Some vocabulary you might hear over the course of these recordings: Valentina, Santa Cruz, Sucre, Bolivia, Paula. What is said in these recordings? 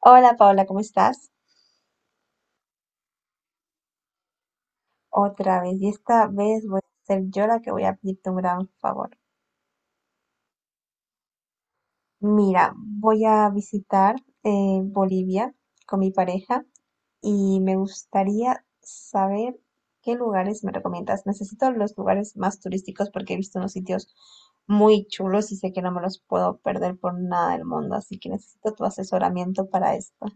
Hola Paula, ¿cómo estás? Otra vez, y esta vez voy a ser yo la que voy a pedirte un gran favor. Mira, voy a visitar Bolivia con mi pareja y me gustaría saber qué lugares me recomiendas. Necesito los lugares más turísticos porque he visto unos sitios muy chulos y sé que no me los puedo perder por nada del mundo, así que necesito tu asesoramiento para esto.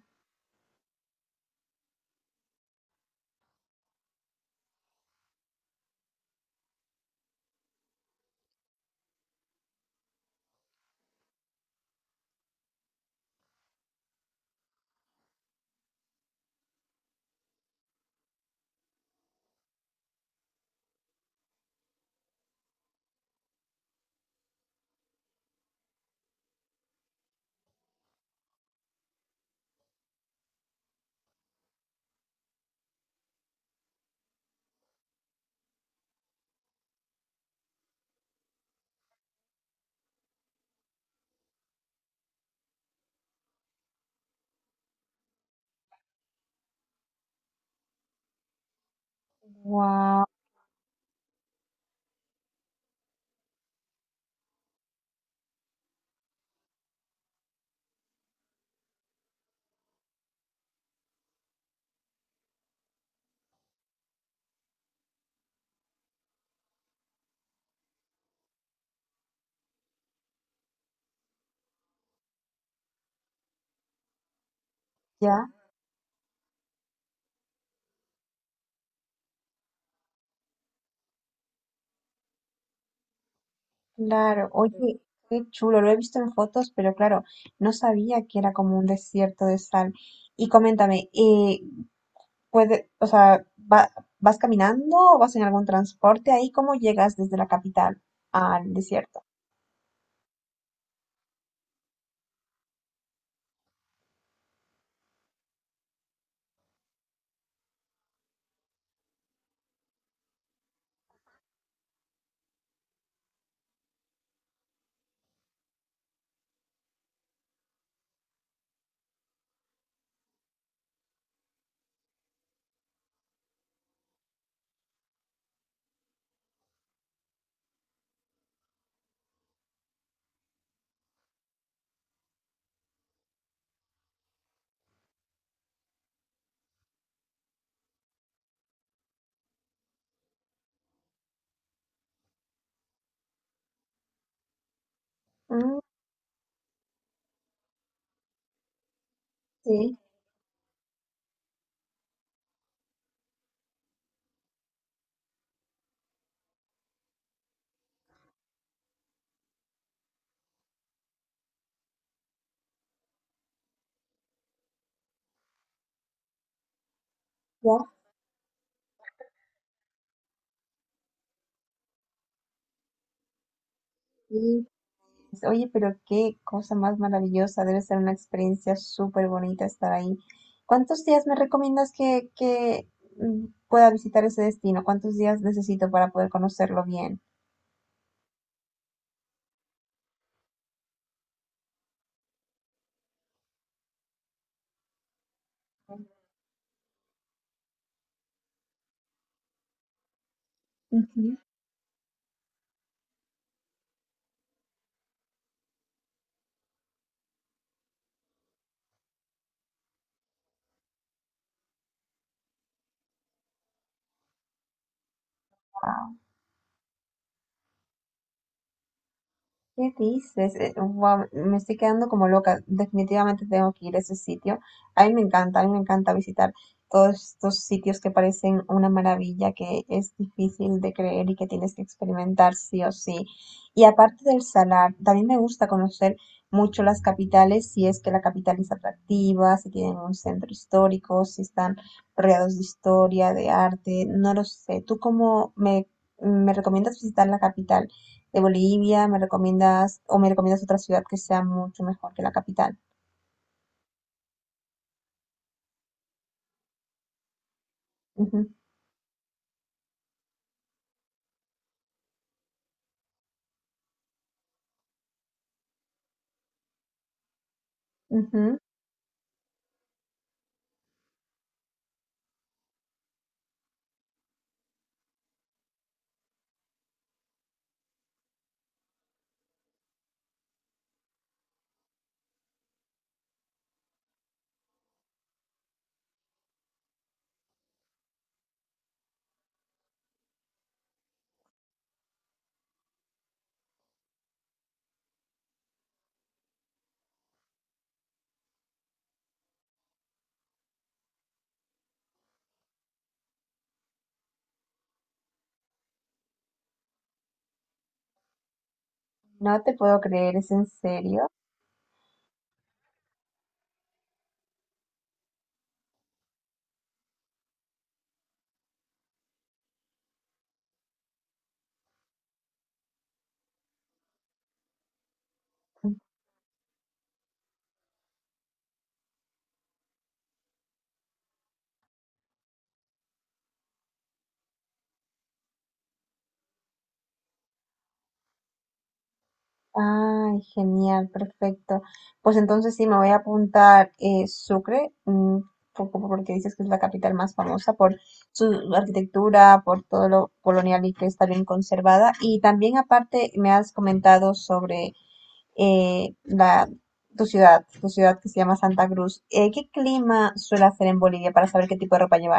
Wow, ya. Claro, oye, qué chulo, lo he visto en fotos, pero claro, no sabía que era como un desierto de sal. Y coméntame, puede, o sea, va- ¿vas caminando o vas en algún transporte ahí? ¿Cómo llegas desde la capital al desierto? Mm, sí, ya. Sí. Oye, pero qué cosa más maravillosa, debe ser una experiencia súper bonita estar ahí. ¿Cuántos días me recomiendas que pueda visitar ese destino? ¿Cuántos días necesito para poder conocerlo bien? Wow, ¿qué dices? Guau, me estoy quedando como loca. Definitivamente tengo que ir a ese sitio. A mí me encanta, a mí me encanta visitar todos estos sitios que parecen una maravilla, que es difícil de creer y que tienes que experimentar sí o sí. Y aparte del salar, también me gusta conocer mucho las capitales, si es que la capital es atractiva, si tienen un centro histórico, si están rodeados de historia, de arte, no lo sé. ¿Tú cómo me recomiendas visitar la capital de Bolivia, me recomiendas o me recomiendas otra ciudad que sea mucho mejor que la capital? Ujú, ujú. No te puedo creer, ¿es en serio? Ay, genial, perfecto. Pues entonces sí, me voy a apuntar Sucre, porque dices que es la capital más famosa por su arquitectura, por todo lo colonial y que está bien conservada. Y también aparte me has comentado sobre eh, la, tu tu ciudad que se llama Santa Cruz. ¿Qué clima suele hacer en Bolivia para saber qué tipo de ropa llevar?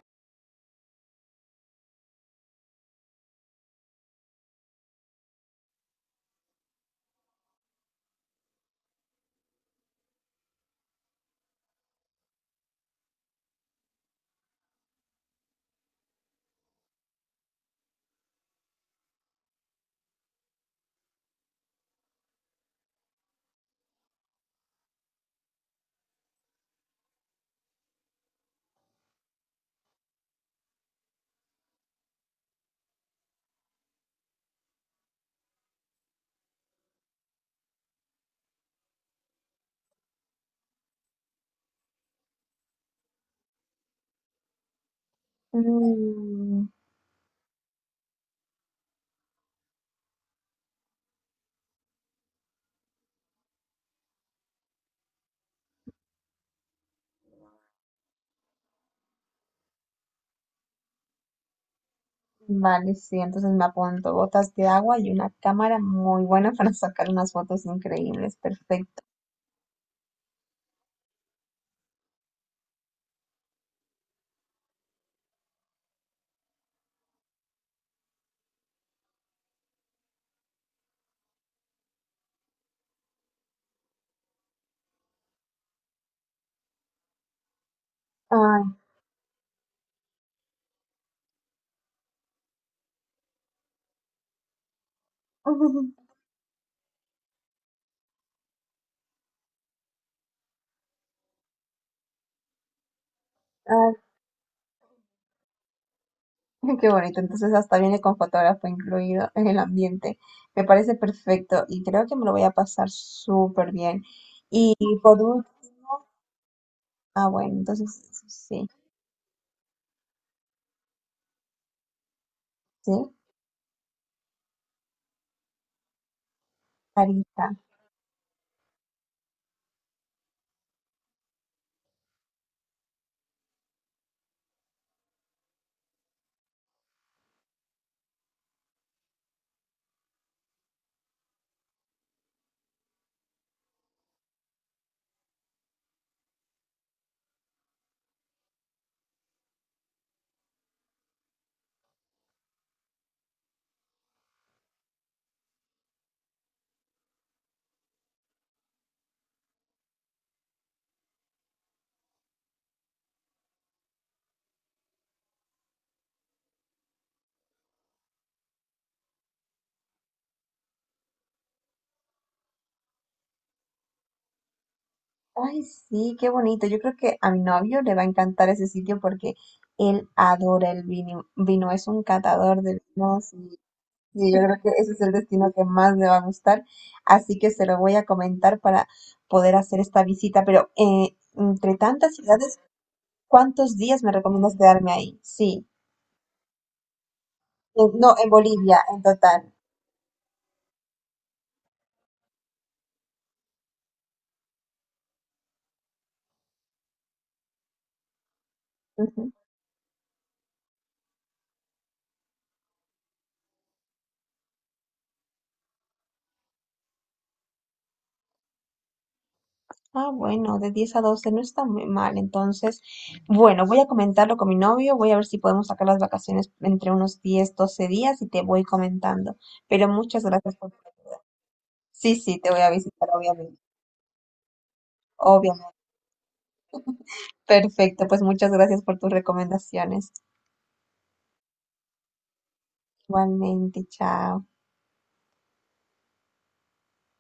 Mm, vale, sí, entonces me apunto botas de agua y una cámara muy buena para sacar unas fotos increíbles, perfecto. Ay, ay, qué bonito, entonces hasta viene con fotógrafo incluido en el ambiente. Me parece perfecto y creo que me lo voy a pasar súper bien. Y por último, ah, bueno, entonces sí, sí, carita. Ay, sí, qué bonito. Yo creo que a mi novio le va a encantar ese sitio porque él adora el vino. Vino es un catador de vinos y yo creo que ese es el destino que más le va a gustar. Así que se lo voy a comentar para poder hacer esta visita. Pero entre tantas ciudades, ¿cuántos días me recomiendas quedarme ahí? Sí, no, en Bolivia, en total. Ah, bueno, de 10 a 12 no está muy mal. Entonces, bueno, voy a comentarlo con mi novio, voy a ver si podemos sacar las vacaciones entre unos 10, 12 días y te voy comentando. Pero muchas gracias por... Sí, sí, te voy a visitar, obviamente. Obviamente. Perfecto, pues muchas gracias por tus recomendaciones. Igualmente, chao.